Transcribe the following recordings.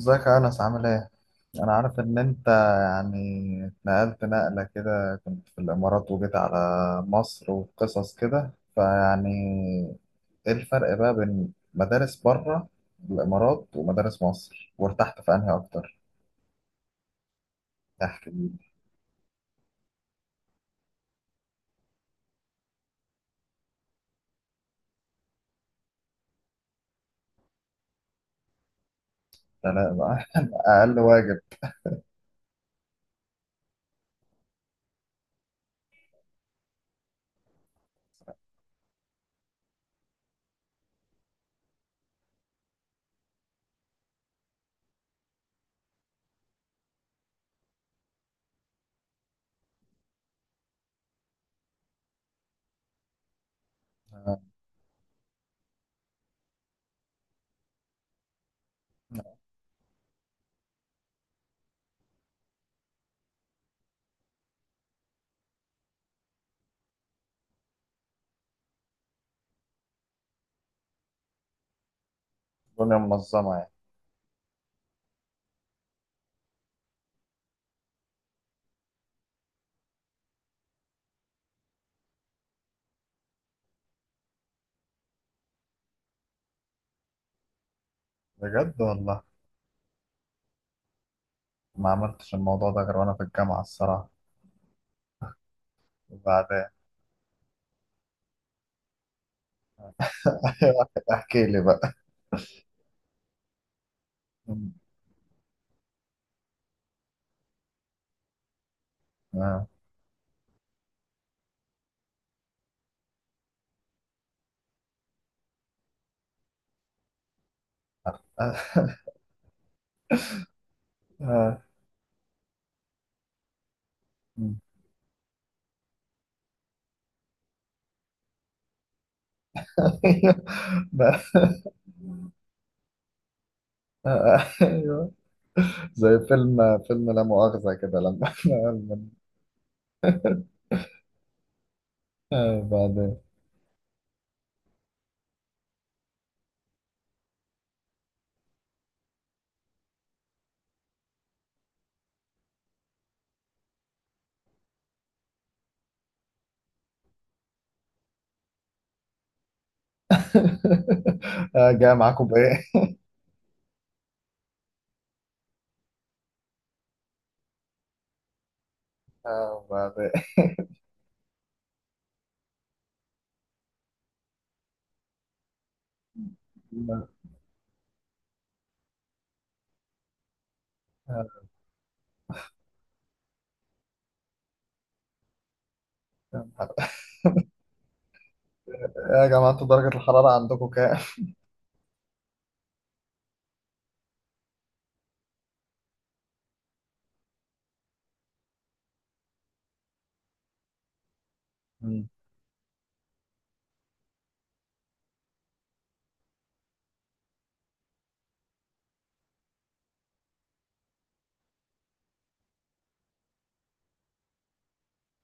ازيك يا أنس، عامل إيه؟ أنا عارف إن أنت يعني اتنقلت نقلة كده، كنت في الإمارات وجيت على مصر وقصص كده، فيعني إيه الفرق بقى بين مدارس بره الإمارات ومدارس مصر؟ وارتحت في أنهي أكتر؟ احكي لي. ده لا بقى أقل واجب. الدنيا منظمة يعني. بجد والله. ما عملتش الموضوع ده غير وأنا في الجامعة الصراحة. وبعدين؟ احكي لي بقى. آه. آه. ده- ايوه، زي فيلم لا مؤاخذة كده، لما بعدين؟ جاي معاكم بايه؟ بعدين؟ آه، كام حلقة؟ يا جماعة، انتوا درجة الحرارة عندكم كام؟ مم.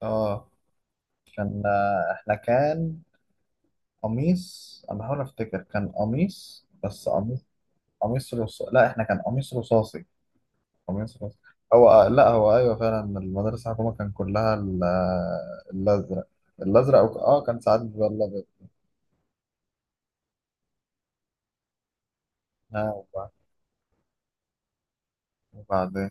اه، كان احنا كان قميص، انا بحاول افتكر كان قميص، بس قميص، قميص رصاصي. لا احنا كان قميص رصاصي، قميص خاص. هو لا، هو ايوه فعلا المدرسه الحكومه كان كلها الازرق. الازرق اه كان ساعات بيبقى الابيض. ها وبعدين؟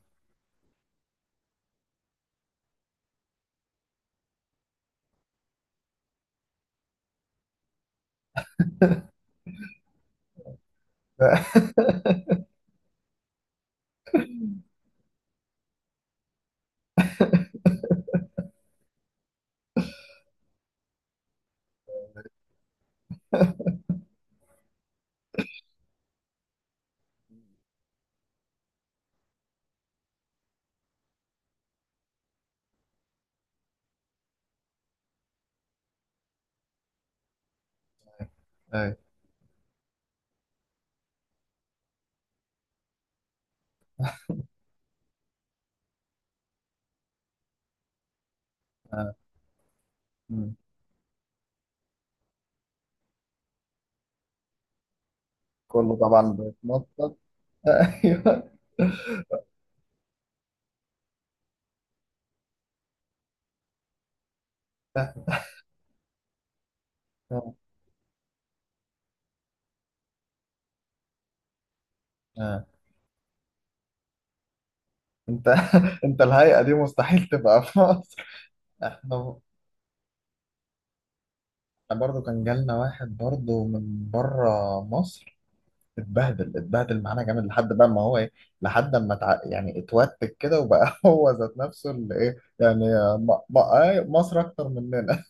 ايوه. آه. مم. كله طبعا بيتنطط. ايوه. آه. آه. انت انت الهيئه دي مستحيل تبقى في مصر. احنا احنا برضو كان جالنا واحد برضو من بره مصر. اتبهدل اتبهدل معانا جامد لحد بقى ما هو ايه، لحد ما يعني اتوتك كده وبقى هو ذات نفسه اللي ايه يعني. م... م... آه، مصر اكتر مننا.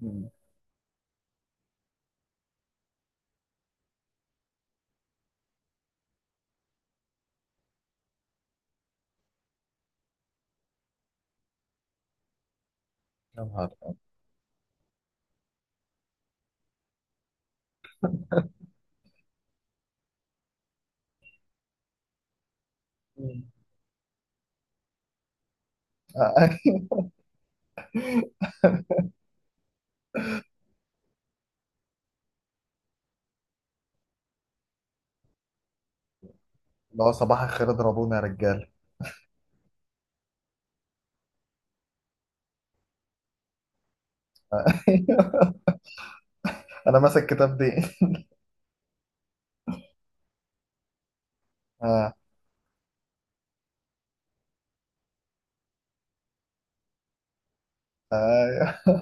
مم. يا نهار أبيض. مم. آه. اللي هو صباح الخير اضربونا يا رجال. انا ماسك كتاب دي. اه. ايوه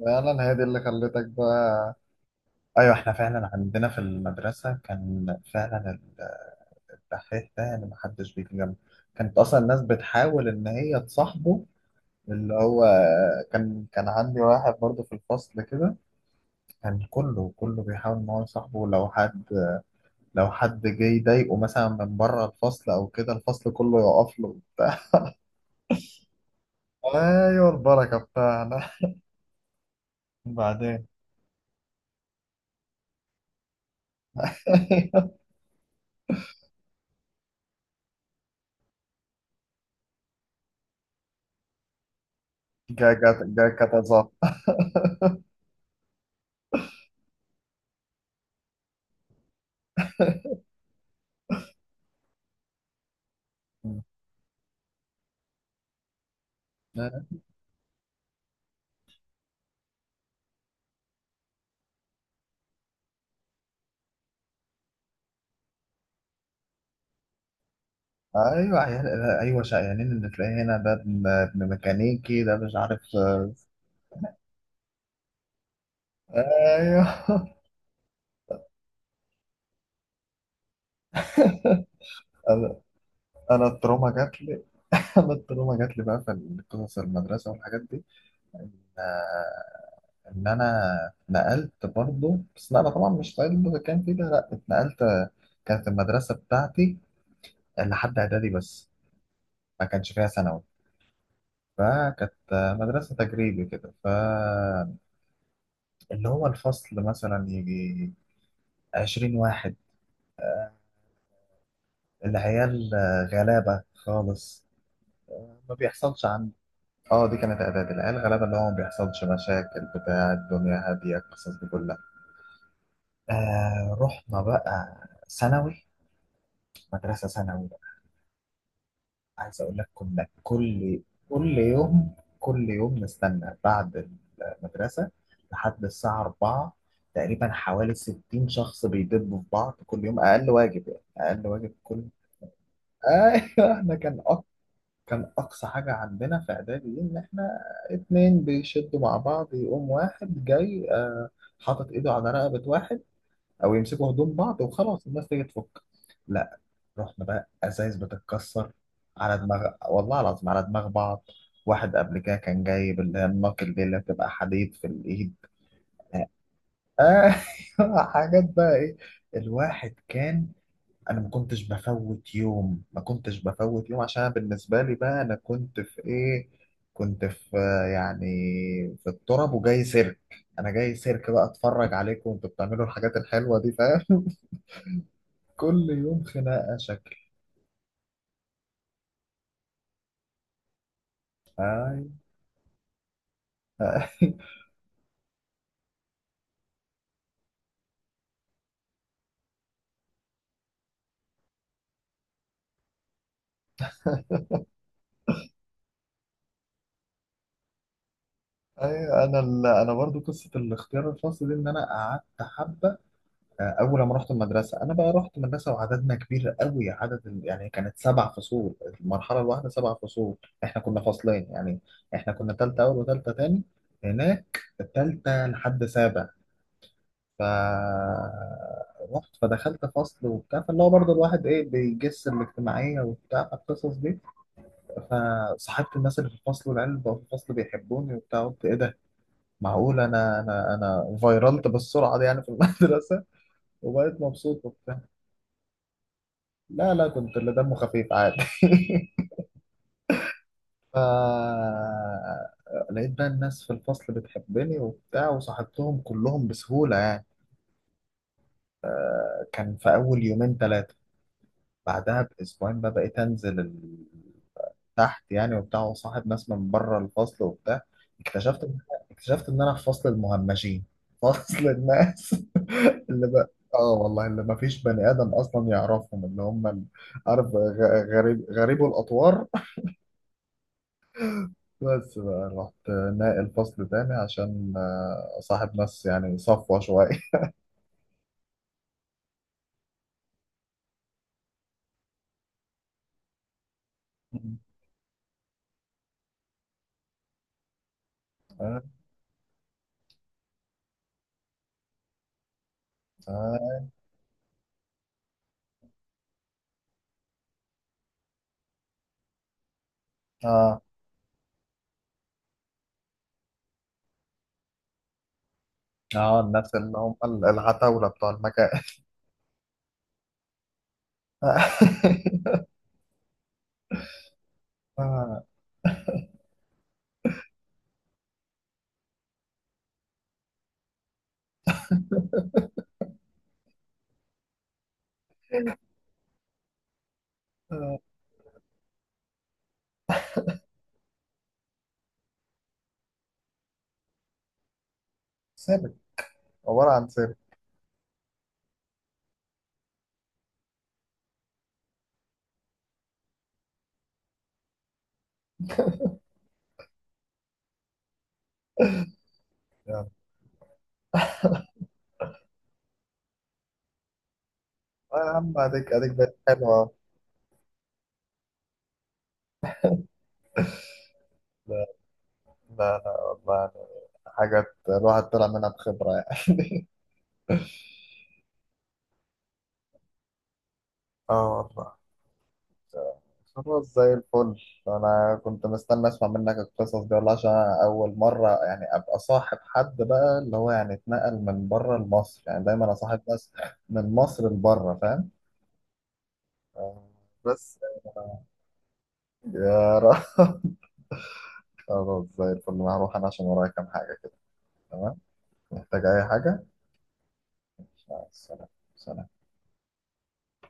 فعلا، هي دي اللي خلتك بقى. ايوه، احنا فعلا عندنا في المدرسه كان فعلا الدحيح ده يعني ما حدش بيجي جنبه، كانت اصلا الناس بتحاول ان هي تصاحبه، اللي هو كان عندي واحد برضه في الفصل كده، كان كله بيحاول ان هو يصاحبه، لو حد جه يضايقه مثلا من بره الفصل او كده، الفصل كله يقف له وبتاع. ايوه البركه بتاعنا. بعدين؟ جا جا جا كتظاهر. ايوه عيال. ايوه شقيانين، اللي تلاقيه هنا ده ابن ميكانيكي، ده مش عارف. ايوه. انا انا التروما جات لي. انا التروما جات لي بقى في قصص المدرسه والحاجات دي. آه، ان انا اتنقلت برضه، بس لا انا طبعا مش صعيدي في المتكامل فيه ده، لا اتنقلت. كانت المدرسه بتاعتي لحد اعدادي بس، ما كانش فيها ثانوي، فكانت مدرسه تجريبي كده، فاللي هو الفصل مثلا يجي 20 واحد، العيال غلابه خالص، ما بيحصلش عندي. اه دي كانت اعدادي، العيال غلابه، اللي هو ما بيحصلش مشاكل بتاع الدنيا، هاديه القصص دي كلها. آه رحنا بقى ثانوي، مدرسة ثانوي بقى. عايز أقول لك كنا كل يوم، كل يوم نستنى بعد المدرسة لحد الساعة 4 تقريبا، حوالي 60 شخص بيدبوا في بعض كل يوم، أقل واجب يعني. أقل واجب كل أيوه. إحنا كان كان أقصى حاجة عندنا في إعدادي دي إن إحنا اتنين بيشدوا مع بعض يقوم واحد جاي حاطط إيده على رقبة واحد، أو يمسكوا هدوم بعض وخلاص الناس تيجي تفك. لا، رحنا بقى ازايز بتتكسر على دماغ، والله العظيم، على دماغ بعض. واحد قبل كده كان جايب اللي هي الناقل دي اللي بتبقى حديد في الايد. ايوه. حاجات بقى ايه. الواحد كان، انا ما كنتش بفوت يوم، ما كنتش بفوت يوم عشان أنا بالنسبه لي بقى، انا كنت في ايه، كنت في يعني في التراب وجاي سيرك. انا جاي سيرك بقى اتفرج عليكم، وانتوا بتعملوا الحاجات الحلوه دي، فاهم. كل يوم خناقه شكل. أيوة. ايوه. انا برضو قصه الاختيار الخاص دي، ان انا قعدت حبه اول ما رحت المدرسه. انا بقى رحت مدرسه وعددنا كبير قوي، عدد يعني كانت سبع فصول. المرحله الواحده سبع فصول. احنا كنا فصلين يعني. احنا كنا تالته اول وتالته تاني، هناك تالته لحد سابع. ف رحت، فدخلت فصل وبتاع، فاللي هو برضه الواحد ايه بيجس الاجتماعيه وبتاع القصص دي. فصاحبت الناس اللي في الفصل، والعيال اللي بقوا في الفصل بيحبوني وبتاع. قلت ايه ده، معقول انا، انا فيرلت بالسرعه دي يعني في المدرسه. وبقيت مبسوط وبتاع. لا، كنت اللي دمه خفيف عادي. ف لقيت بقى الناس في الفصل بتحبني وبتاع، وصاحبتهم كلهم بسهوله يعني. كان في اول يومين ثلاثه، بعدها باسبوعين بقى بقيت انزل تحت يعني وبتاع، وصاحب ناس من بره الفصل وبتاع. اكتشفت ان اكتشفت ان انا في فصل المهمشين، فصل الناس اللي بقى، اه والله اللي ما فيش بني ادم اصلا يعرفهم، اللي هم عارف، غريب، غريبو الاطوار. بس بقى رحت ناقل فصل تاني عشان صاحب ناس يعني صفوة شوية. اه. اه. اه. الناس اللي هم العتاولة بتوع المكان. آه. آه. ثابت، عبارة عن ثابت. اه، يا عم اديك بقت حلوة. لا، لا، لا، والله. حاجات الواحد طلع منها بخبرة يعني. اه والله، خلاص زي الفل. انا كنت مستني اسمع منك القصص دي والله، عشان أنا اول مرة يعني ابقى صاحب حد بقى اللي هو يعني اتنقل من بره لمصر، يعني دايما اصاحب ناس من مصر لبره، فاهم. آه. بس. يا رب. خلاص زي الفل، أنا هروح انا عشان ورايا كام حاجة كده. تمام. محتاج اي حاجة؟ مع السلامة. سلام.